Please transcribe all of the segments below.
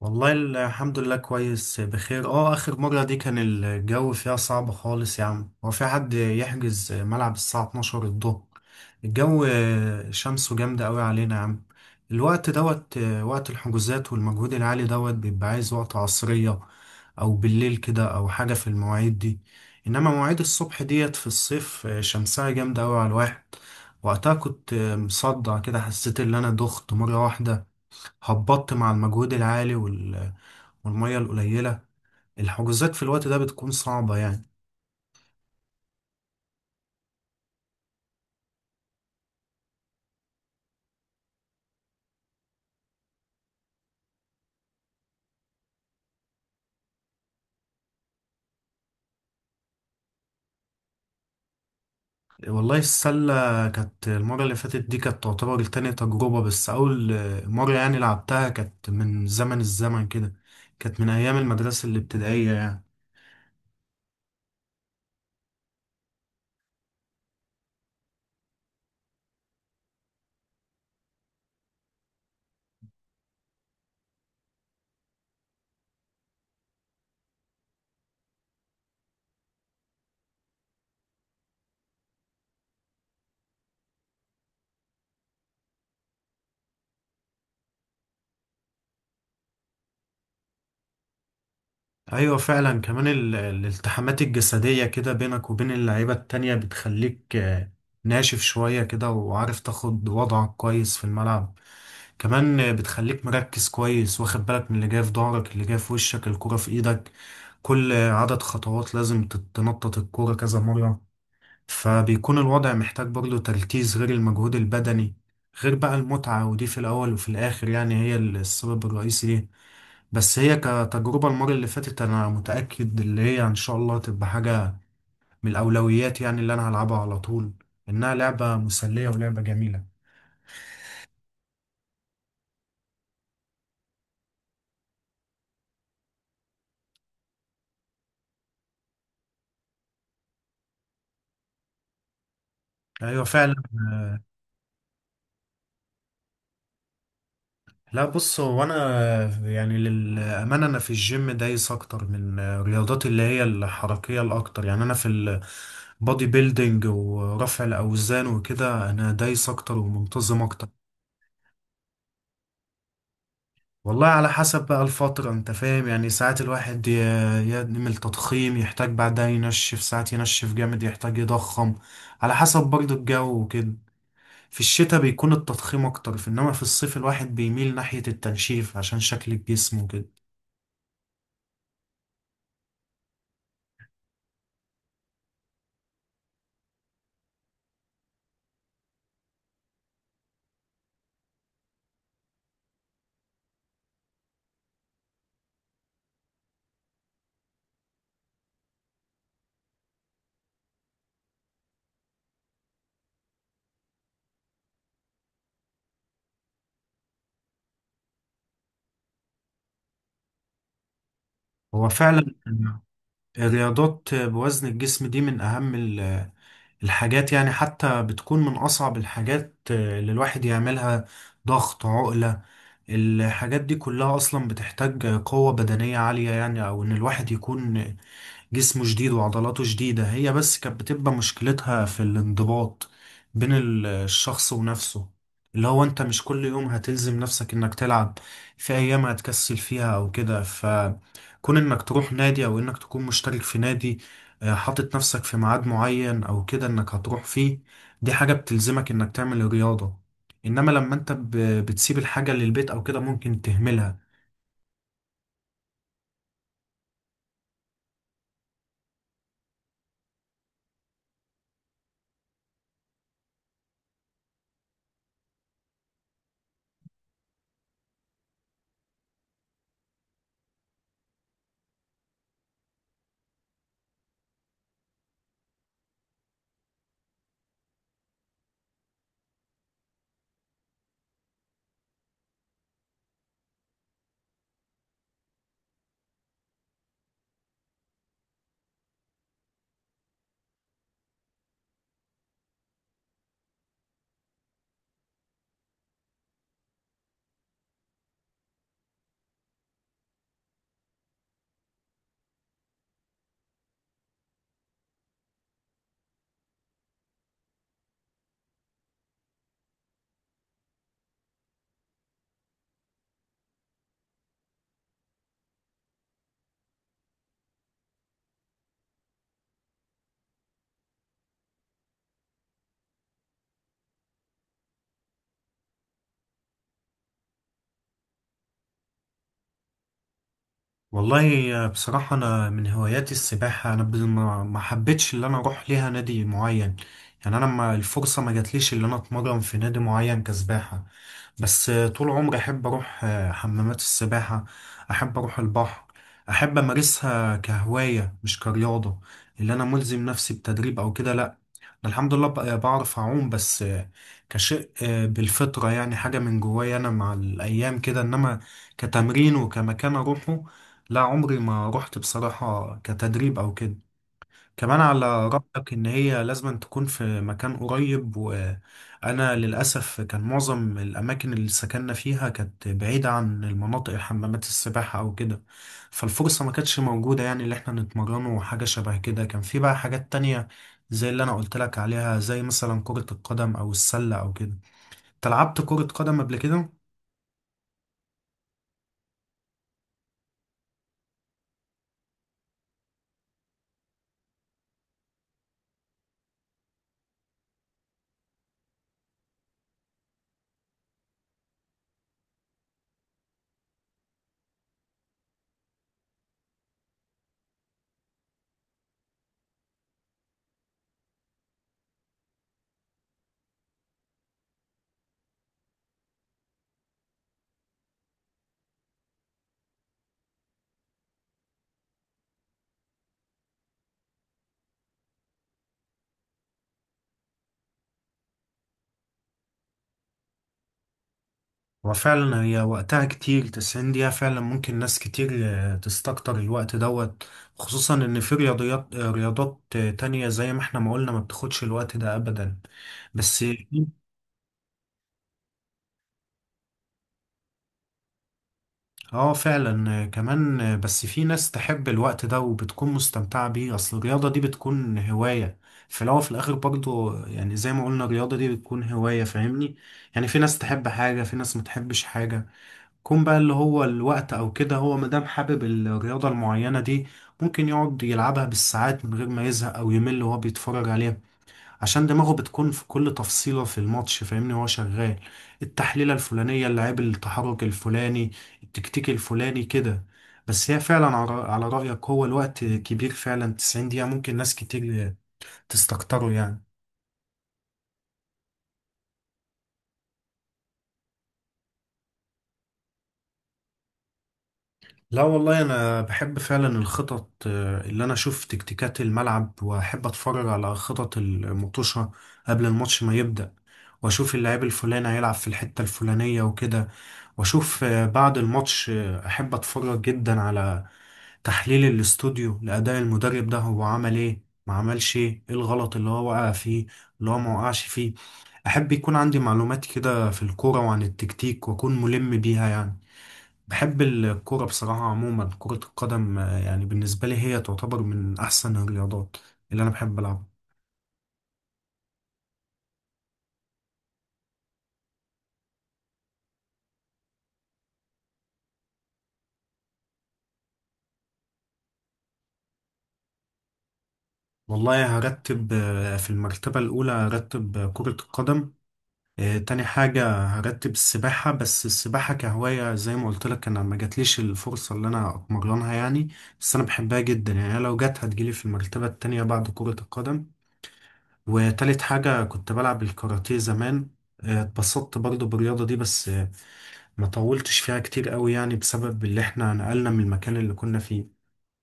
والله الحمد لله كويس بخير. اه اخر مرة دي كان الجو فيها صعب خالص يا عم، هو في حد يحجز ملعب الساعة 12 الظهر؟ الجو شمسه جامدة قوي علينا يا عم. الوقت دوت، وقت الحجوزات والمجهود العالي دوت، بيبقى عايز وقت عصرية او بالليل كده او حاجة في المواعيد دي. انما مواعيد الصبح ديت في الصيف شمسها جامدة قوي على الواحد. وقتها كنت مصدع كده، حسيت ان انا دخت مرة واحدة، هبطت مع المجهود العالي والمية القليلة. الحجوزات في الوقت ده بتكون صعبة يعني. والله السلة كانت المرة اللي فاتت دي كانت تعتبر تاني تجربة، بس أول مرة يعني لعبتها كانت من زمن الزمن كده، كانت من أيام المدرسة الابتدائية يعني. ايوه فعلا، كمان الالتحامات الجسدية كده بينك وبين اللعيبة التانية بتخليك ناشف شوية كده وعارف تاخد وضعك كويس في الملعب. كمان بتخليك مركز كويس واخد بالك من اللي جاي في ظهرك اللي جاي في وشك الكرة في ايدك. كل عدد خطوات لازم تنطط الكرة كذا مرة، فبيكون الوضع محتاج برضه تركيز غير المجهود البدني، غير بقى المتعة، ودي في الأول وفي الآخر يعني هي السبب الرئيسي ليه. بس هي كتجربة المرة اللي فاتت أنا متأكد اللي هي إن شاء الله هتبقى حاجة من الأولويات يعني، اللي أنا هلعبها على طول، إنها لعبة مسلية ولعبة جميلة. أيوة فعلا. لا بص، هو أنا يعني للأمانة أنا في الجيم دايس أكتر من الرياضات اللي هي الحركية الأكتر، يعني أنا في البودي بيلدينج ورفع الأوزان وكده أنا دايس أكتر ومنتظم أكتر. والله على حسب بقى الفترة انت فاهم، يعني ساعات الواحد يعمل تضخيم يحتاج بعدها ينشف، ساعات ينشف جامد يحتاج يضخم، على حسب برضه الجو وكده. في الشتاء بيكون التضخيم اكتر، في انما في الصيف الواحد بيميل ناحية التنشيف عشان شكل الجسم وكده. هو فعلا الرياضات بوزن الجسم دي من اهم الحاجات يعني، حتى بتكون من أصعب الحاجات اللي الواحد يعملها. ضغط، عقلة، الحاجات دي كلها أصلا بتحتاج قوة بدنية عالية يعني، أو إن الواحد يكون جسمه جديد وعضلاته جديدة. هي بس كانت بتبقى مشكلتها في الانضباط بين الشخص ونفسه، اللي هو انت مش كل يوم هتلزم نفسك انك تلعب، في ايام هتكسل فيها او كده، فكون انك تروح نادي او انك تكون مشترك في نادي، حاطط نفسك في ميعاد معين او كده انك هتروح فيه، دي حاجة بتلزمك انك تعمل الرياضة. انما لما انت بتسيب الحاجة للبيت او كده ممكن تهملها. والله بصراحة أنا من هواياتي السباحة، أنا ما حبيتش إن أنا أروح ليها نادي معين يعني، أنا ما الفرصة ما جاتليش إن أنا أتمرن في نادي معين كسباحة. بس طول عمري أحب أروح حمامات السباحة، أحب أروح البحر، أحب أمارسها كهواية مش كرياضة، اللي أنا ملزم نفسي بتدريب أو كده لأ. أنا الحمد لله بعرف أعوم، بس كشيء بالفطرة يعني، حاجة من جوايا أنا مع الأيام كده، إنما كتمرين وكمكان أروحه لا، عمري ما رحت بصراحة كتدريب أو كده. كمان على رأيك إن هي لازم تكون في مكان قريب، وأنا للأسف كان معظم الأماكن اللي سكننا فيها كانت بعيدة عن المناطق الحمامات السباحة أو كده، فالفرصة ما كانتش موجودة يعني اللي إحنا نتمرن وحاجة شبه كده. كان في بقى حاجات تانية زي اللي أنا قلت لك عليها، زي مثلا كرة القدم أو السلة أو كده. أنت لعبت كرة قدم قبل كده؟ وفعلا هي وقتها كتير، 90 دقيقة فعلا ممكن ناس كتير تستكتر الوقت دوت، خصوصا ان في رياضيات رياضات تانية زي ما احنا ما قلنا ما بتاخدش الوقت ده ابدا. بس اه فعلا كمان بس في ناس تحب الوقت ده وبتكون مستمتعة بيه، اصل الرياضة دي بتكون هواية في الاول وفي الاخر برضو يعني، زي ما قلنا الرياضة دي بتكون هواية فاهمني، يعني في ناس تحب حاجة في ناس ما تحبش حاجة. كون بقى اللي هو الوقت او كده، هو مادام حابب الرياضة المعينة دي ممكن يقعد يلعبها بالساعات من غير ما يزهق او يمل وهو بيتفرج عليها، عشان دماغه بتكون في كل تفصيلة في الماتش فاهمني، وهو شغال التحليلة الفلانية، اللاعب التحرك الفلاني، التكتيك الفلاني كده. بس هي فعلا على على رأيك هو الوقت كبير فعلا، 90 دقيقة ممكن ناس كتير تستكتره يعني. لا والله انا بحب فعلا الخطط، اللي انا اشوف تكتيكات الملعب، واحب اتفرج على خطط المطوشة قبل الماتش ما يبدأ، واشوف اللاعب الفلاني هيلعب في الحتة الفلانية وكده، واشوف بعد الماتش احب اتفرج جدا على تحليل الاستوديو لأداء المدرب، ده هو عمل ايه ما عملش ايه، ايه الغلط اللي هو وقع فيه اللي هو ما وقعش فيه. احب يكون عندي معلومات كده في الكورة وعن التكتيك واكون ملم بيها يعني. بحب الكورة بصراحة عموما، كرة القدم يعني بالنسبة لي هي تعتبر من أحسن الرياضات اللي أنا بحب ألعبها. والله هرتب في المرتبة الأولى هرتب كرة القدم، تاني حاجة هرتب السباحة، بس السباحة كهواية زي ما قلت لك أنا ما جاتليش الفرصة اللي أنا أتمرنها يعني، بس أنا بحبها جدا يعني، لو جت هتجيلي في المرتبة التانية بعد كرة القدم. وتالت حاجة كنت بلعب الكاراتيه زمان، اتبسطت برضه بالرياضة دي، بس ما طولتش فيها كتير قوي يعني بسبب اللي احنا نقلنا من المكان اللي كنا فيه،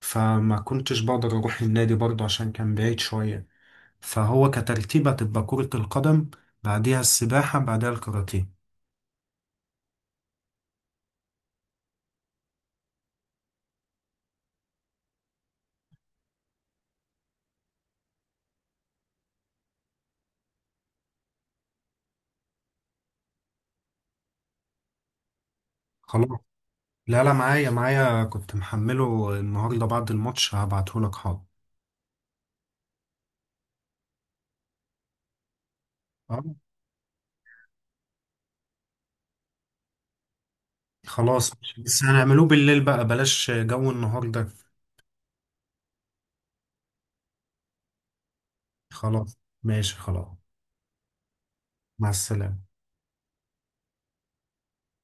فما كنتش بقدر اروح النادي برضه عشان كان بعيد شوية. فهو كترتيب هتبقى كرة القدم، بعديها السباحة، بعدها الكاراتيه. خلاص. لا لا، معايا معايا، كنت محمله النهاردة بعد الماتش، هبعتهولك حاضر. اه خلاص ماشي، بس هنعملوه بالليل بقى بلاش جو النهاردة. خلاص ماشي خلاص. مع السلامة.